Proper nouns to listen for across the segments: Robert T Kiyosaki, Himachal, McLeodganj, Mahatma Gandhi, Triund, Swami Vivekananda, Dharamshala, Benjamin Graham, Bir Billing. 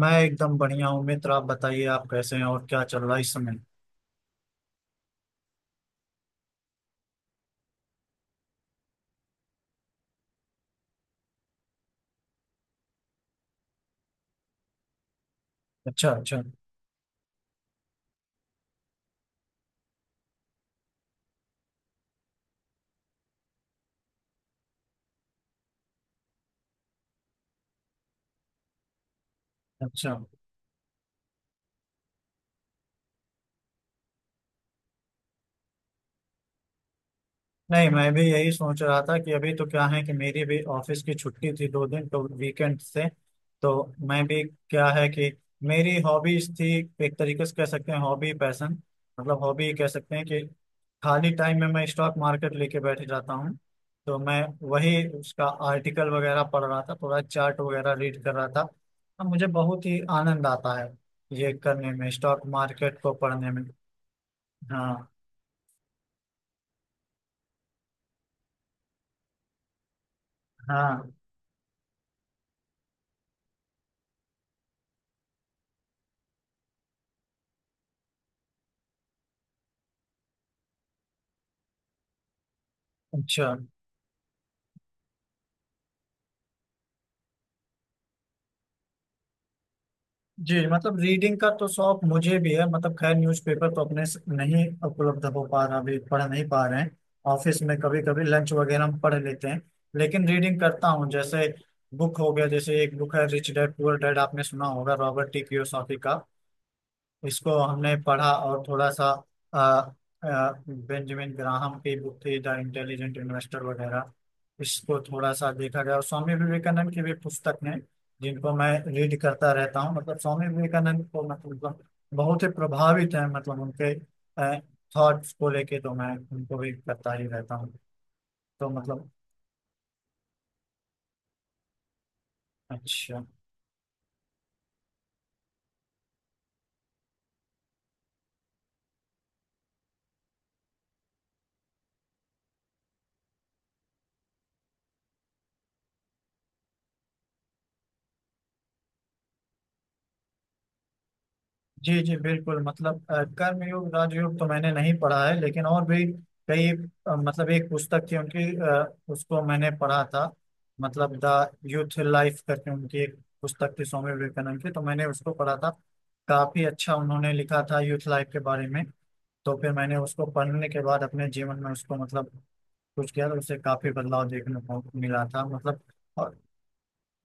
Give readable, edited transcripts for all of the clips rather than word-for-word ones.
मैं एकदम बढ़िया हूँ मित्र। आप बताइए, आप कैसे हैं और क्या चल रहा है इस समय? अच्छा अच्छा। अच्छा, नहीं मैं भी यही सोच रहा था कि अभी तो क्या है कि मेरी भी ऑफिस की छुट्टी थी दो दिन तो वीकेंड से। तो मैं भी, क्या है कि मेरी हॉबीज थी, एक तरीके से कह सकते हैं हॉबी पैशन, हॉबी कह सकते हैं कि खाली टाइम में मैं स्टॉक मार्केट लेके बैठ जाता हूँ। तो मैं वही उसका आर्टिकल वगैरह पढ़ रहा था, थोड़ा चार्ट वगैरह रीड कर रहा था। अब मुझे बहुत ही आनंद आता है ये करने में, स्टॉक मार्केट को पढ़ने में। हाँ हाँ। अच्छा जी, रीडिंग का तो शौक मुझे भी है। खैर न्यूज़पेपर तो अपने से नहीं उपलब्ध हो पा रहा, अभी पढ़ नहीं पा रहे हैं। ऑफिस में कभी कभी लंच वगैरह हम पढ़ लेते हैं, लेकिन रीडिंग करता हूँ। जैसे बुक हो गया, जैसे एक बुक है रिच डैड पुअर डैड, आपने सुना होगा, रॉबर्ट टी कियोसाकी का। इसको हमने पढ़ा और थोड़ा सा आ, बेंजामिन ग्राहम की बुक थी द इंटेलिजेंट इन्वेस्टर वगैरह, इसको थोड़ा सा देखा गया। और स्वामी विवेकानंद की भी पुस्तक ने, जिनको मैं रीड करता रहता हूँ। स्वामी विवेकानंद को बहुत ही प्रभावित है, मतलब उनके थॉट्स को लेके, तो मैं उनको भी करता ही रहता हूँ। तो मतलब, अच्छा। जी जी बिल्कुल, कर्मयोग राजयोग तो मैंने नहीं पढ़ा है, लेकिन और भी कई एक पुस्तक थी उनकी, उसको मैंने पढ़ा था। मतलब द यूथ लाइफ करके उनकी एक पुस्तक थी स्वामी विवेकानंद की, तो मैंने उसको पढ़ा था। काफी अच्छा उन्होंने लिखा था यूथ लाइफ के बारे में। तो फिर मैंने उसको पढ़ने के बाद अपने जीवन में उसको, मतलब कुछ किया, तो उससे काफी बदलाव देखने को मिला था। मतलब और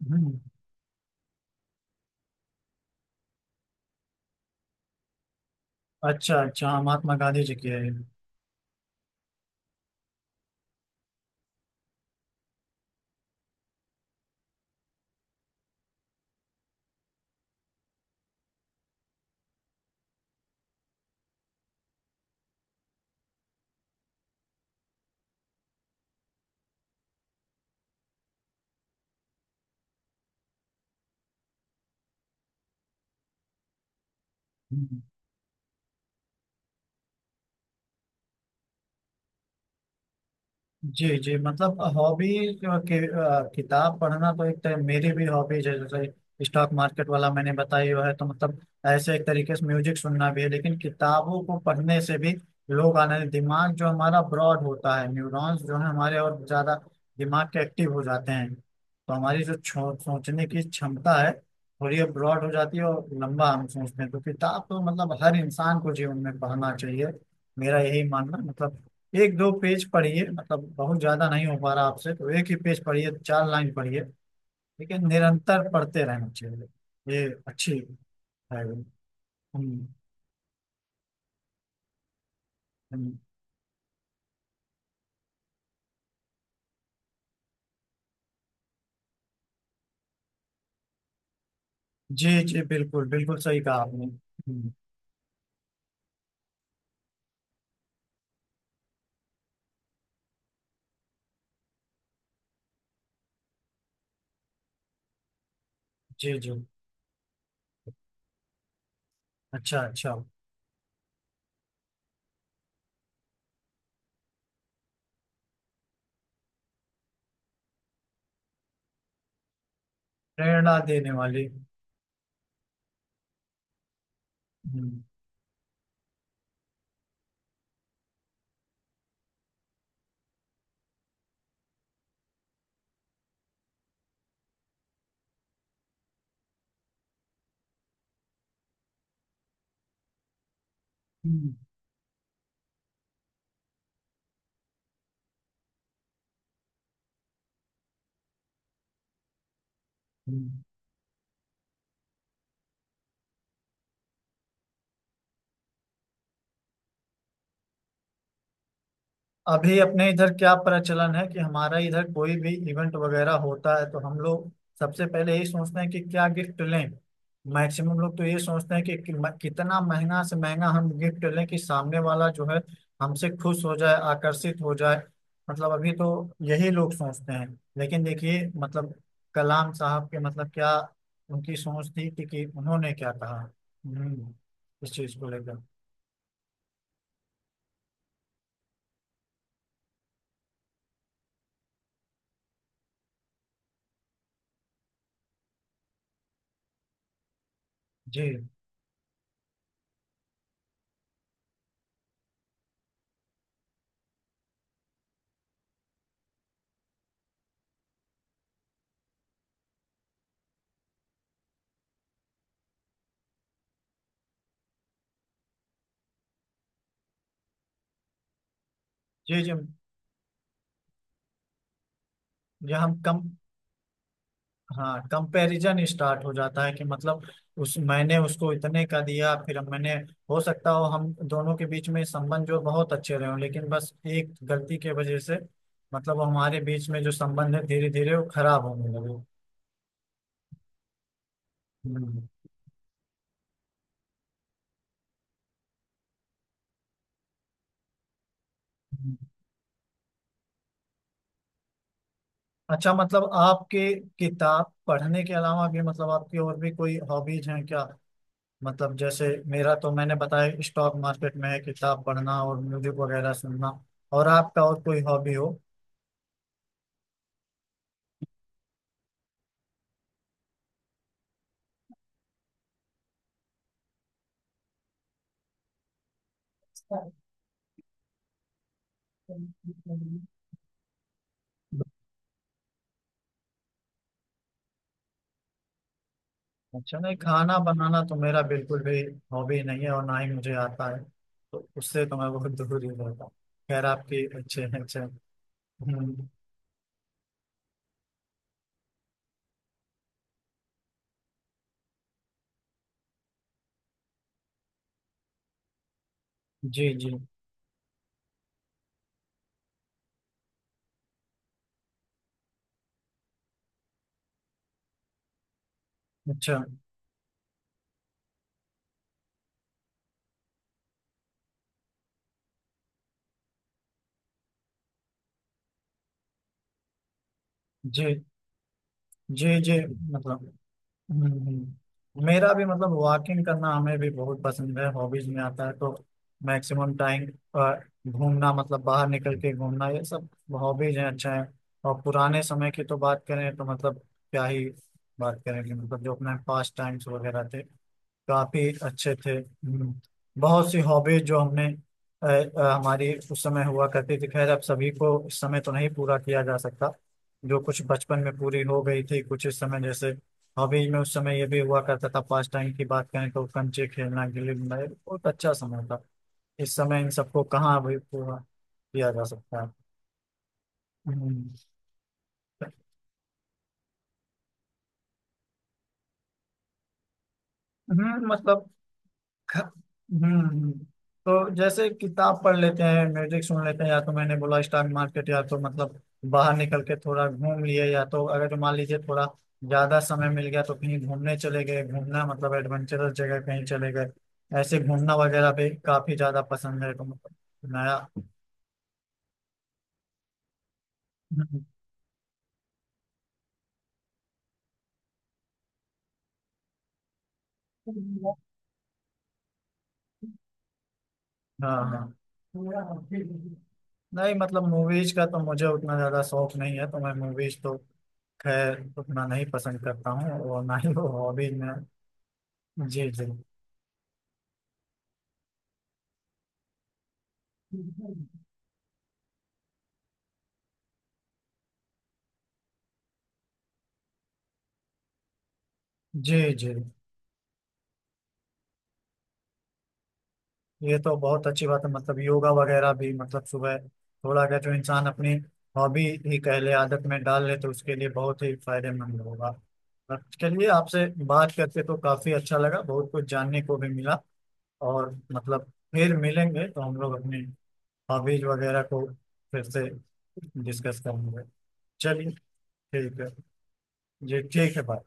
हम्म, अच्छा अच्छा। हाँ, महात्मा गांधी जी की है ये। हम्म, जी जी। मतलब हॉबी के किताब पढ़ना तो एक तरह मेरी भी हॉबीज है, जैसे स्टॉक मार्केट वाला मैंने बताई हुआ है। तो मतलब ऐसे एक तरीके से म्यूजिक सुनना भी है, लेकिन किताबों को पढ़ने से भी लोग आनंद, दिमाग जो हमारा ब्रॉड होता है, न्यूरॉन्स जो है हमारे और ज्यादा दिमाग के एक्टिव हो जाते हैं, तो हमारी जो सोचने की क्षमता है थोड़ी ब्रॉड हो जाती है और लंबा हम सोचते हैं। तो किताब तो मतलब हर इंसान को जीवन में पढ़ना चाहिए, मेरा यही मानना। मतलब एक दो पेज पढ़िए, मतलब बहुत ज्यादा नहीं हो पा रहा आपसे तो एक ही पेज पढ़िए, चार लाइन पढ़िए, लेकिन निरंतर पढ़ते रहना चाहिए, ये अच्छी है। हम्म, हम्म, जी जी बिल्कुल, बिल्कुल सही कहा आपने। जी जी। अच्छा अच्छा, प्रेरणा देने वाली। हम्म, हम्म, हम्म। अभी अपने इधर क्या प्रचलन है कि हमारा इधर कोई भी इवेंट वगैरह होता है तो हम लोग सबसे पहले यही सोचते हैं कि क्या गिफ्ट लें। मैक्सिमम लोग तो ये सोचते हैं कि कितना महंगा से महंगा हम गिफ्ट लें कि सामने वाला जो है हमसे खुश हो जाए, आकर्षित हो जाए। मतलब अभी तो यही लोग सोचते हैं। लेकिन देखिए मतलब कलाम साहब के, मतलब क्या उनकी सोच थी कि उन्होंने क्या कहा। हम्म, इस चीज को लेकर। जी जी जी, ये हम कम, हाँ कंपैरिजन स्टार्ट हो जाता है कि मतलब उस मैंने उसको इतने का दिया, फिर मैंने, हो सकता हो हम दोनों के बीच में संबंध जो बहुत अच्छे रहे हों, लेकिन बस एक गलती के वजह से मतलब हमारे बीच में जो संबंध है धीरे धीरे वो खराब होने लगे। हम्म, हम्म। अच्छा, मतलब आपके किताब पढ़ने के अलावा भी मतलब आपकी और भी कोई हॉबीज हैं क्या? मतलब जैसे मेरा तो मैंने बताया स्टॉक मार्केट में है, किताब पढ़ना और म्यूजिक वगैरह सुनना। और आपका और कोई हॉबी हो? अच्छा, नहीं खाना बनाना तो मेरा बिल्कुल भी हॉबी नहीं है और ना ही मुझे आता है। तो उससे तो मैं बहुत दूर ही रहता हूँ। खैर आपकी अच्छे हैं, अच्छे। हम्म, जी जी। अच्छा, जी जी जी। मतलब मेरा भी मतलब वॉकिंग करना हमें भी बहुत पसंद है, हॉबीज में आता है। तो मैक्सिमम टाइम घूमना, मतलब बाहर निकल के घूमना, ये सब हॉबीज हैं, अच्छा है। और पुराने समय की तो बात करें तो मतलब क्या ही बात करेंगे। मतलब जो अपने पास टाइम्स वगैरह थे काफी अच्छे थे। बहुत सी हॉबीज जो हमने हमारी उस समय हुआ करती थी। खैर अब सभी को इस समय तो नहीं पूरा किया जा सकता, जो कुछ बचपन में पूरी हो गई थी, कुछ इस समय जैसे हॉबीज में उस समय ये भी हुआ करता था, पास टाइम की बात करें तो कंचे खेलना, गिल्ली डंडा, बहुत अच्छा समय था। इस समय इन सबको कहाँ अभी पूरा किया जा सकता है। हम्म, मतलब ख- हम्म, तो जैसे किताब पढ़ लेते हैं, म्यूजिक सुन लेते हैं, या तो मैंने बोला स्टॉक मार्केट, या तो मतलब बाहर निकल के थोड़ा घूम लिए, या तो अगर जो मान लीजिए थोड़ा ज्यादा समय मिल गया तो कहीं घूमने चले गए, घूमना मतलब एडवेंचरस जगह कहीं चले गए। ऐसे घूमना वगैरह भी काफी ज्यादा पसंद है। तो मतलब नया हम्म। हाँ हाँ, नहीं मतलब मूवीज का तो मुझे उतना ज्यादा शौक नहीं है, तो मैं मूवीज तो खैर उतना नहीं पसंद करता हूँ, और ना ही वो हॉबीज में। जी जी, जी जी। ये तो बहुत अच्छी बात है, मतलब योगा वगैरह भी मतलब सुबह थोड़ा अगर जो इंसान अपनी हॉबी ही कह ले, आदत में डाल ले, तो उसके लिए बहुत ही फायदेमंद होगा। पर चलिए, आपसे बात करके तो काफी अच्छा लगा, बहुत कुछ जानने को भी मिला। और मतलब फिर मिलेंगे तो हम लोग अपनी हॉबीज वगैरह को फिर से डिस्कस करेंगे। चलिए, ठीक है। जी ठीक है भाई।